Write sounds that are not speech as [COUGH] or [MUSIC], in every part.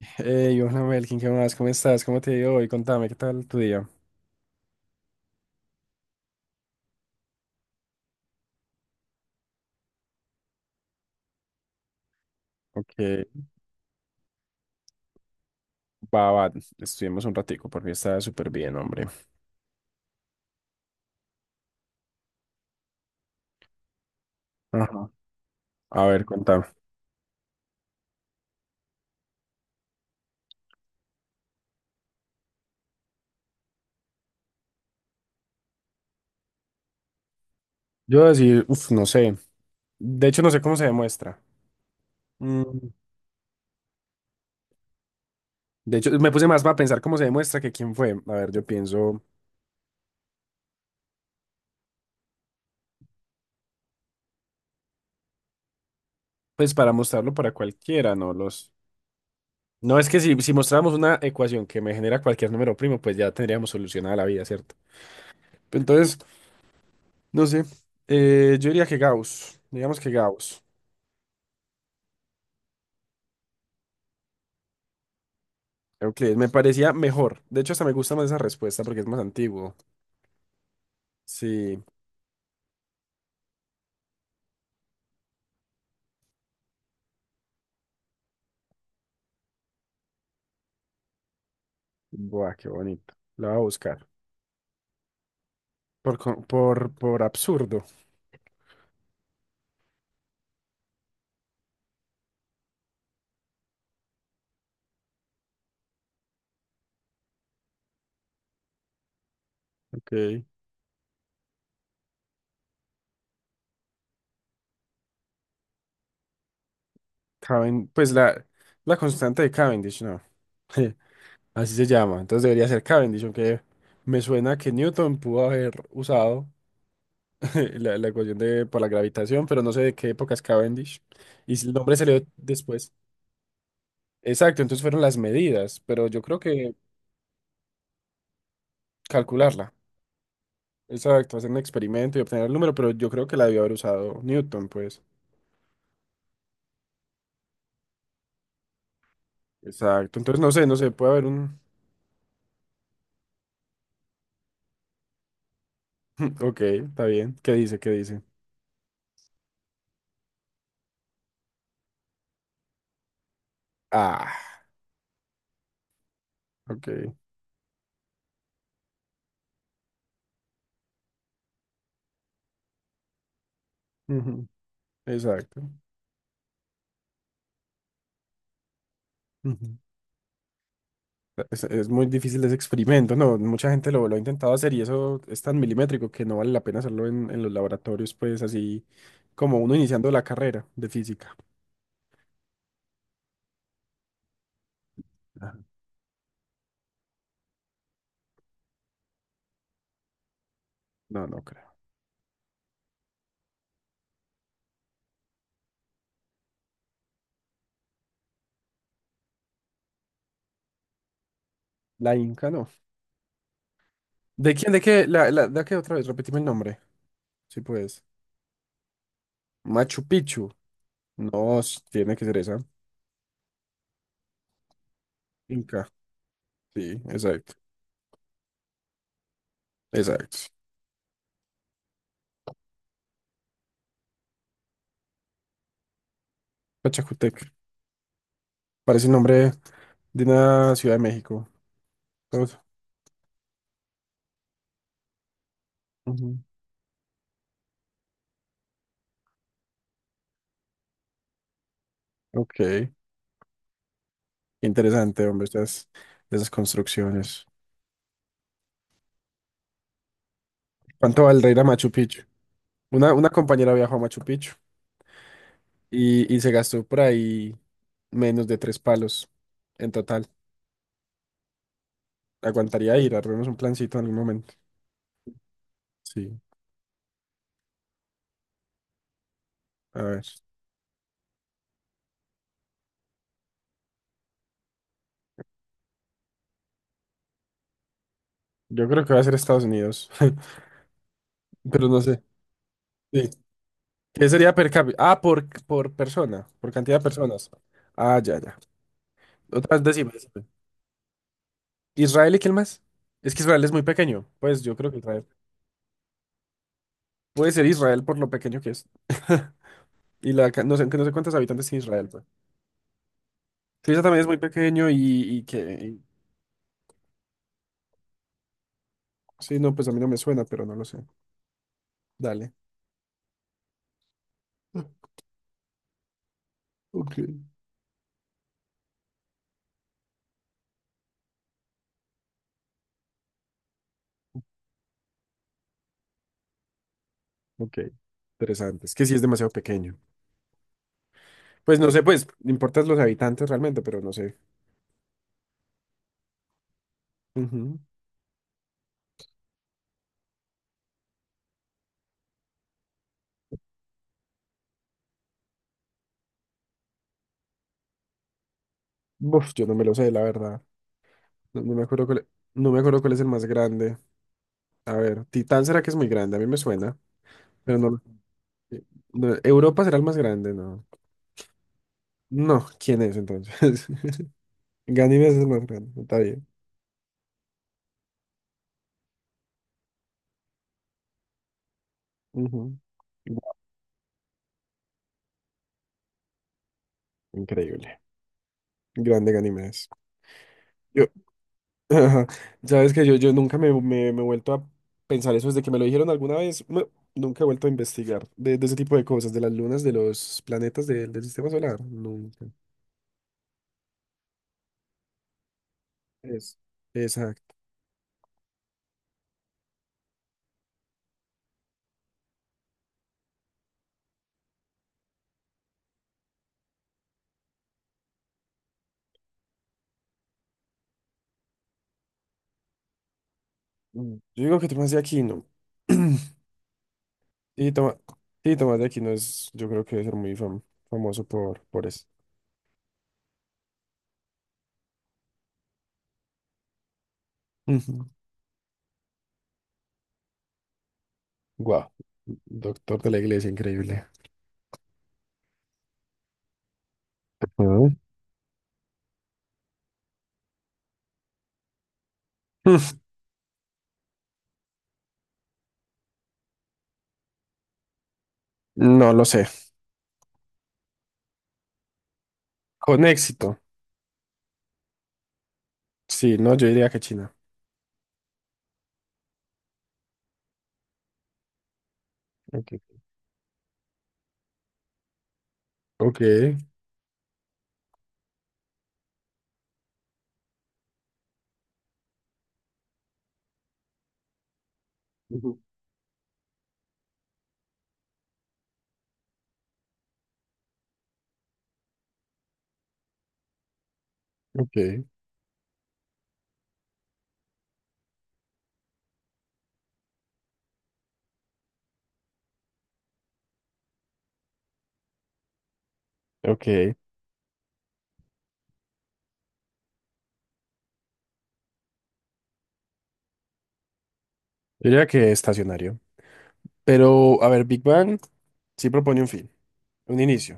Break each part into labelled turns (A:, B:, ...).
A: Hey, hola Melkin, ¿qué más? ¿Cómo estás? ¿Cómo te ha ido hoy? Contame, ¿qué tal tu día? Ok, va, va, estuvimos un ratico, por mí está súper bien, hombre. Ajá. A ver, contame. Yo voy a decir, uff, no sé. De hecho, no sé cómo se demuestra. Mm, de hecho, me puse más para pensar cómo se demuestra que quién fue. A ver, yo pienso, pues para mostrarlo para cualquiera, ¿no? Los... No es que si, si mostráramos una ecuación que me genera cualquier número primo, pues ya tendríamos solucionada la vida, ¿cierto? Entonces, no sé. Yo diría que Gauss, digamos que Gauss. Euclides, me parecía mejor. De hecho, hasta me gusta más esa respuesta porque es más antiguo. Sí. Buah, qué bonito. La voy a buscar. Por, por absurdo. Ok. Caven- pues la constante de Cavendish, no. [LAUGHS] Así se llama. Entonces debería ser Cavendish, aunque me suena que Newton pudo haber usado [LAUGHS] la ecuación de, por la gravitación, pero no sé de qué época es Cavendish. Y si el nombre se le dio después. Exacto, entonces fueron las medidas, pero yo creo que calcularla. Exacto, hacer un experimento y obtener el número, pero yo creo que la debió haber usado Newton, pues. Exacto, entonces no sé, no sé, puede haber un... [CLEARS THROAT] [LAUGHS] Ok, está bien. ¿Qué dice? ¿Qué dice? Ah, ok. Ujú, exacto. Ujú. Es muy difícil ese experimento, ¿no? Mucha gente lo ha intentado hacer y eso es tan milimétrico que no vale la pena hacerlo en los laboratorios, pues así como uno iniciando la carrera de física. Ajá. No, no creo. La Inca no. ¿De quién? ¿De qué? La, ¿de qué otra vez? Repetime el nombre. Sí, pues. Machu Picchu. No, s- tiene que ser esa. Inca. Sí, exacto. Exacto. Pachacutec. Parece el nombre de una ciudad de México. Todo. Ujú. Ok. Interesante, hombre, estas, esas construcciones. ¿Cuánto valdrá ir a Machu Picchu? Una compañera viajó a Machu Picchu y se gastó por ahí menos de tres palos en total. Aguantaría ir, armemos un plancito en algún momento. Sí, a ver. Yo creo que va a ser Estados Unidos, [LAUGHS] pero no sé. Sí. ¿Qué sería per cápita? Ah, por persona, por cantidad de personas. Ah, ya, ya. Otra vez decime, decime. ¿Israel y quién más? Es que Israel es muy pequeño. Pues yo creo que Israel. Puede ser Israel por lo pequeño que es. [LAUGHS] Y la, ca- no sé, no sé cuántos habitantes tiene Israel, pues. Suiza también es muy pequeño y que... y- sí, no, pues a mí no me suena, pero no lo sé. Dale. [LAUGHS] Ok. Ok. Interesante. Es que sí es demasiado pequeño. Pues no sé, pues, importan los habitantes realmente, pero no sé. Ujú. Uf, yo no me lo sé, la verdad. No, no me acuerdo cuál, no me acuerdo cuál es el más grande. A ver, Titán será que es muy grande, a mí me suena, pero no. No, Europa será el más grande, no. No, ¿quién es entonces? [LAUGHS] Ganímedes es el más grande, está bien. Ujú. Increíble. Grande Ganímedes. Yo, [LAUGHS] ajá, sabes que yo, yo nunca me he vuelto a pensar eso desde que me lo dijeron alguna vez. No, nunca he vuelto a investigar de ese tipo de cosas, de las lunas, de los planetas del sistema solar. Nunca. Es. Exacto. Mm, yo digo que Tomás de Aquino. [CLEARS THROAT] Sí, Tomás, sí, Tomás de Aquino es, yo creo que debe ser muy famoso por eso. Ujú. Guau. Doctor de la iglesia, increíble. Ujú. Mm, no lo sé. Con éxito. Sí, no, yo diría que China. Ok. Ok. Ujú. Ok. Ok. Yo diría que estacionario. Pero, a ver, Big Bang sí propone un fin, un inicio.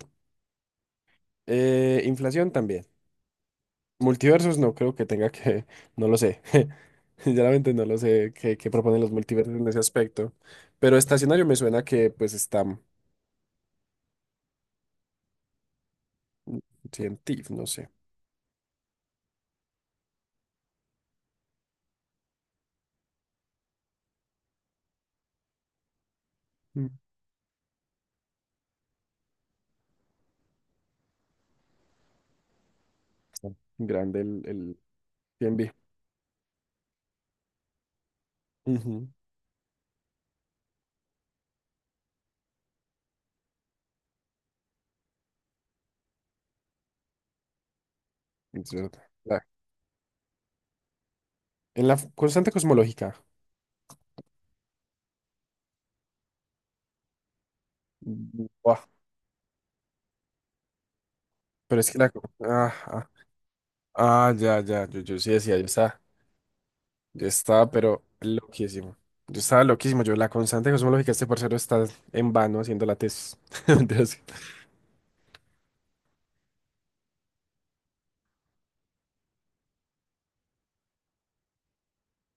A: Inflación también. Multiversos no creo que tenga que, [LAUGHS] no lo sé. [LAUGHS] Sinceramente no lo sé qué, qué proponen los multiversos en ese aspecto. Pero estacionario me suena que pues está científico, no sé. Mm. Está grande el TNB. Ujú, es verdad. En la constante cosmológica. Mm, buah, pero es que la... Ah, ah, ah, ya, ya. Yo sí decía, yo estaba, pero loquísimo. Yo estaba loquísimo. Yo, la constante cosmológica, este parcero está en vano haciendo la tesis. [LAUGHS] Mentiras.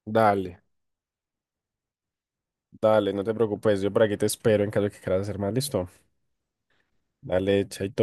A: Dale. Dale, no te preocupes, yo por aquí te espero en caso de que quieras hacer más, listo. Dale, chaito.